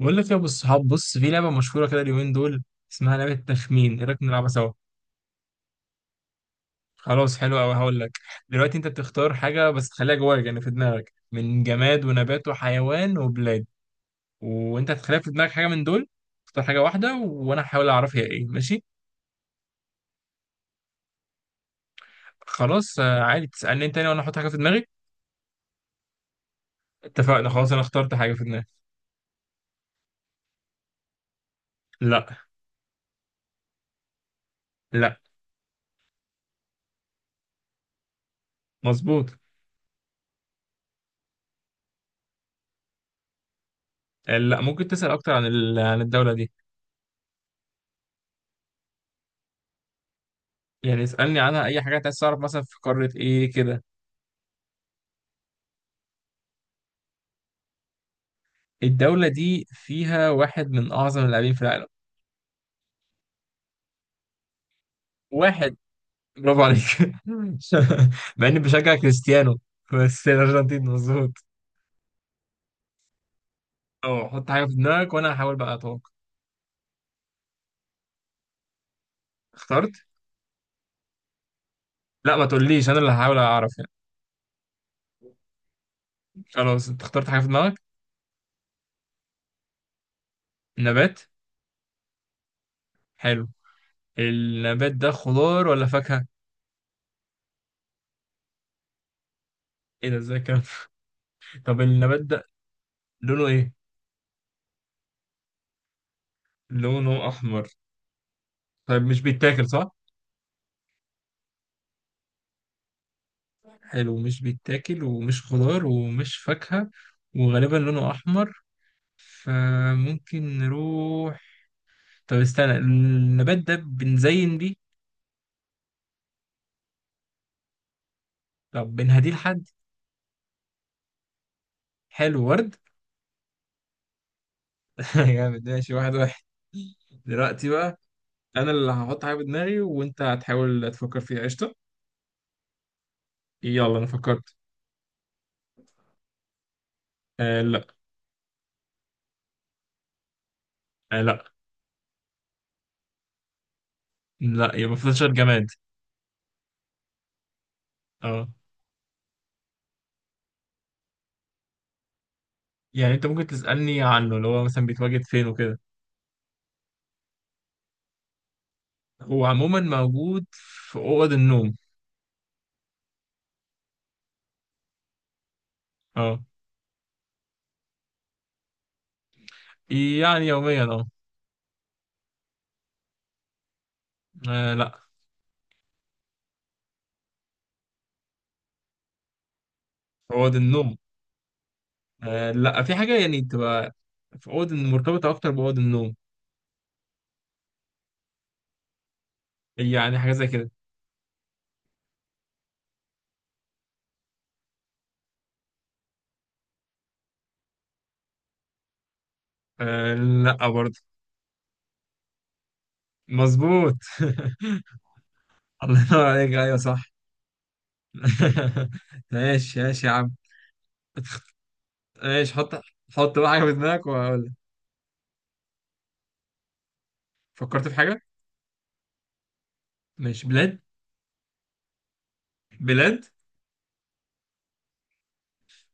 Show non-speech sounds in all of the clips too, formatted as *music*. بقول لك يا ابو الصحاب، بص في لعبه مشهوره كده اليومين دول. اسمها لعبه تخمين، ايه رايك نلعبها سوا؟ خلاص حلو قوي هقول لك. دلوقتي انت بتختار حاجه بس تخليها جواك، يعني في دماغك، من جماد ونبات وحيوان وبلاد، وانت هتخليها في دماغك حاجه من دول. اختار حاجه واحده وانا هحاول اعرف هي ايه، ماشي؟ خلاص آه، عادي تسالني انت تاني وانا احط حاجه في دماغي. اتفقنا خلاص، انا اخترت حاجه في دماغي. لا. لا. مظبوط. آه، لا. ممكن تسال اكتر عن عن الدوله دي. يعني اسالني عنها اي حاجه انت عايز تعرف، مثلا في قاره ايه كده. الدولة دي فيها واحد من أعظم اللاعبين في العالم. واحد. برافو عليك. *laughs* مع إني بشجع كريستيانو. بس الأرجنتين مظبوط. أه، حط حاجة في دماغك وأنا هحاول بقى أتوقع. اخترت؟ لا ما تقوليش، أنا اللي هحاول أعرف يعني. خلاص أنت اخترت حاجة في دماغك. نبات. حلو. النبات ده خضار ولا فاكهة؟ إيه ده إزاي كده؟ *laughs* طب النبات ده لونه إيه؟ لونه أحمر. طيب مش بيتاكل صح؟ حلو، مش بيتاكل ومش خضار ومش فاكهة، وغالبا لونه أحمر. فممكن نروح. طب استنى، النبات ده بنزين بيه؟ طب بنهديه لحد؟ حلو، ورد. *laughs* جامد. ماشي، واحد واحد. دلوقتي بقى انا اللي هحط حاجه في دماغي وانت هتحاول تفكر فيها، قشطه. يلا انا فكرت. آه لا. آه لا. لا، يبقى فضل شهر جماد. اه. يعني انت ممكن تسالني عنه، اللي هو مثلا بيتواجد فين وكده. هو عموما موجود في اوض النوم. اه. يعني يوميا اه. آه، لا. اوض النوم. آه لا، في حاجة يعني تبقى في أوضة مرتبطة أكتر بأوضة النوم. يعني حاجة زي كده. آه لا برضه. مظبوط. *laughs* الله ينور عليك، أيوه صح. *laughs* ماشي ماشي يا عم. ماشي حط. حط بقى حاجة في دماغك وأقول لك. فكرت في حاجة. ماشي، بلاد. بلاد.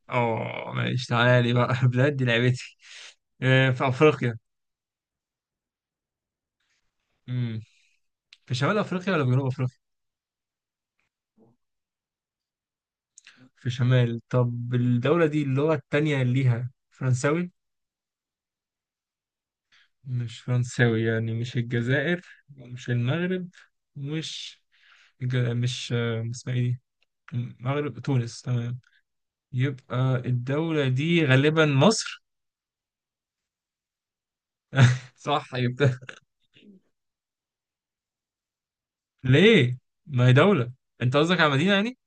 اه ماشي، تعالى لي بقى. *laughs* بلاد دي لعبتي. آه، في أفريقيا. مم. في شمال أفريقيا ولا في جنوب أفريقيا؟ في شمال. طب الدولة دي اللغة التانية ليها فرنساوي؟ مش فرنساوي، يعني مش الجزائر. مش المغرب. مش مش، اسمها ايه دي؟ المغرب، تونس. تمام، يبقى الدولة دي غالبا مصر. صح يبقى. *laughs* ليه؟ ما هي دولة. انت قصدك على مدينة يعني؟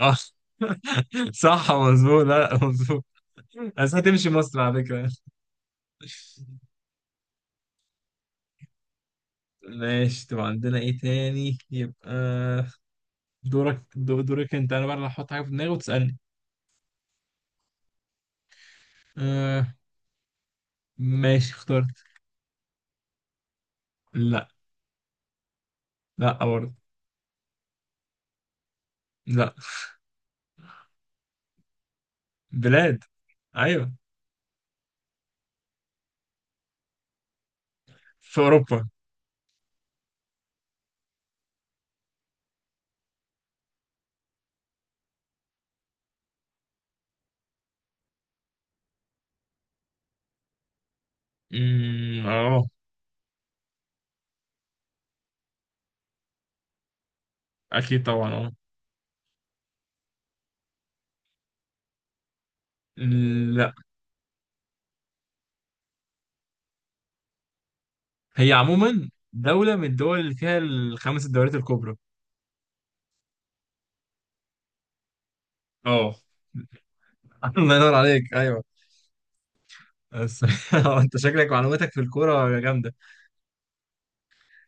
اه. *laughs* صح مظبوط. لا لا، مظبوط. بس هتمشي مصر على فكرة. ماشي، طب عندنا ايه تاني يبقى. دورك دورك انت. انا بقى اللي هحط حاجة في دماغي وتسألني. آه. ماشي اخترت. لا. لا برضه. لا. بلاد. ايوه. في اوروبا. اه. اكيد طبعا اه. لا، هي عموما دولة من الدول اللي فيها الخمس الدوريات الكبرى. اه. *laughs* الله ينور عليك، ايوه. بس *laughs* انت شكلك معلوماتك في الكورة جامدة.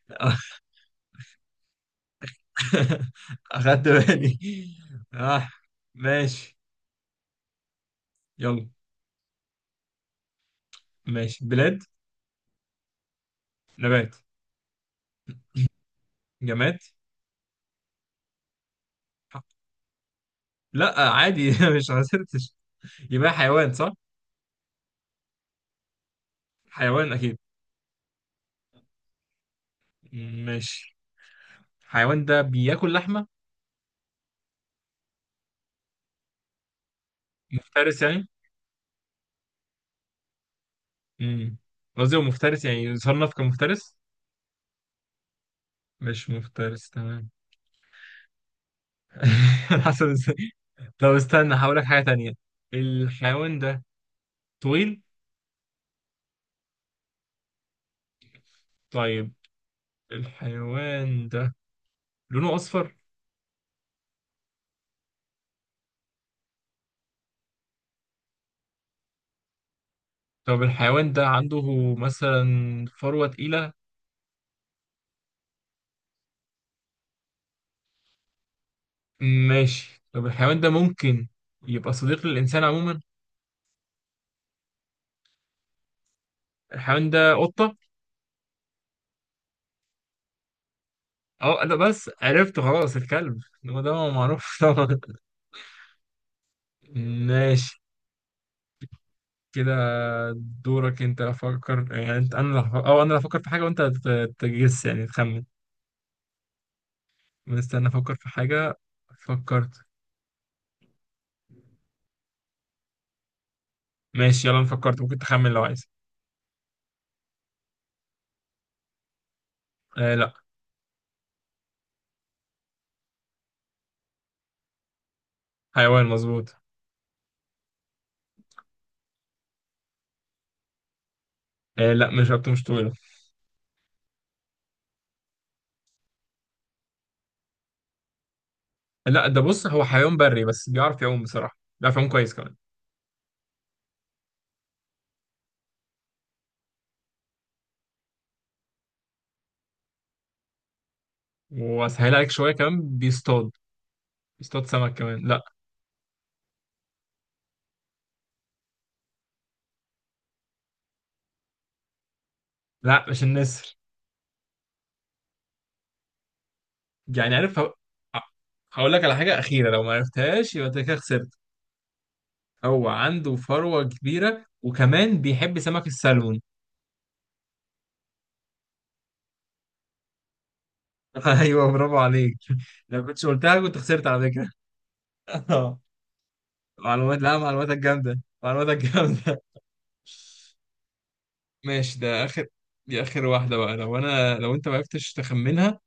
*laughs* اخدت بالي. اه. ماشي. يلا. ماشي، بلاد. نبات. جماد. لا عادي، *laughs* مش خسرتش. يبقى حيوان صح؟ حيوان اكيد. ماشي. الحيوان ده بياكل لحمة؟ مفترس يعني؟ امم قصدي هو مفترس يعني، يصنف كمفترس. مش مفترس تمام. *laughs* على حسب ازاي؟ *laughs* طب استنى، هقول لك حاجة تانية. الحيوان ده طويل؟ طيب. الحيوان ده لونه أصفر؟ طب الحيوان ده عنده مثلا فروة تقيلة؟ ماشي، طب الحيوان ده ممكن يبقى صديق للإنسان عموما؟ الحيوان ده قطة؟ اه لا، بس عرفت خلاص، الكلب. هو ده معروف *laughs* طبعا. ماشي كده. دورك انت افكر، يعني انت انا اللي او انا اللي افكر في حاجه وانت تجس يعني تخمن. مستني افكر في حاجه. فكرت. ماشي يلا، انا فكرت، ممكن تخمن لو عايز. آه لا. حيوان مظبوط. آه لا، مش رقبته، مش طويله. لا، ده بص هو حيوان بري بس بيعرف يعوم بصراحه، بيعرف يعوم كويس كمان. واسهل عليك شويه كمان، بيصطاد. بيصطاد سمك كمان، لا. لا مش النسر. يعني عارف هقول لك على حاجه اخيره، لو ما عرفتهاش يبقى انت كده خسرت. هو عنده فروة كبيرة وكمان بيحب سمك السلمون. *laughs* ايوه برافو عليك. لو كنتش قلتها كنت خسرت على فكرة. *laughs* معلومات لا، معلوماتك جامدة، معلوماتك جامدة. ماشي، ده اخر. دي اخر واحدة بقى، لو انا لو انت ما عرفتش تخمنها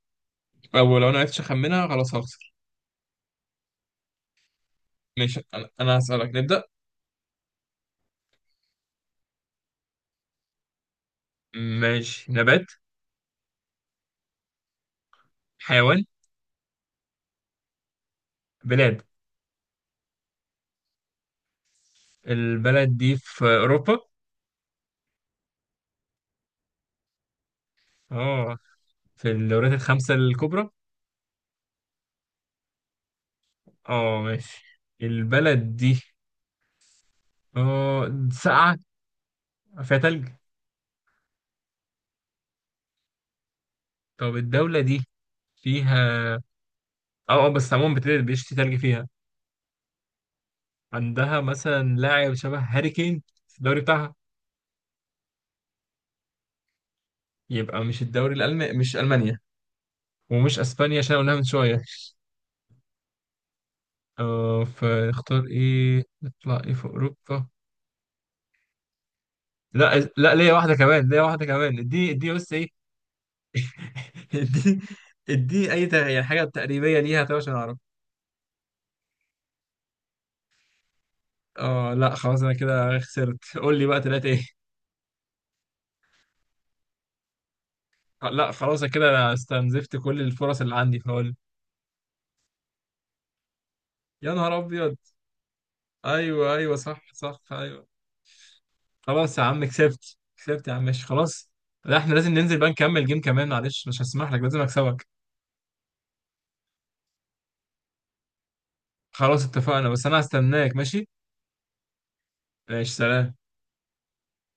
او لو انا عرفتش اخمنها خلاص هخسر. ماشي، انا هسألك، نبدأ. ماشي، نبات. حيوان. بلاد. البلد دي في اوروبا. اه. في الدوريات الخمسة الكبرى. اه ماشي. البلد دي اه ساقعة، فيها تلج. طب الدولة دي فيها اه اه بس عموما بيشتي تلج فيها. عندها مثلا لاعب شبه هاري كين في الدوري بتاعها. يبقى مش الدوري الألماني، مش ألمانيا. ومش أسبانيا عشان قلناها من شوية. اه، فاختار ايه، نطلع ايه في أوروبا. لا لا، ليا واحدة كمان، ليا واحدة كمان، اديني اديني بس ايه. *laughs* اديني. اديني أي يعني حاجة تقريبية ليها طيب عشان أعرف. اه لا خلاص، أنا كده خسرت، قول لي بقى تلاتة ايه. آه، لا خلاص كده انا استنزفت كل الفرص اللي عندي، فقول. يا نهار ابيض. ايوه ايوه، صح صح، ايوه. خلاص يا عم، كسبت كسبت يا عم، ماشي خلاص. لا احنا لازم ننزل بقى نكمل جيم كمان، معلش مش هسمح لك، لازم اكسبك. خلاص اتفقنا، بس انا هستناك ماشي. ماشي، سلام.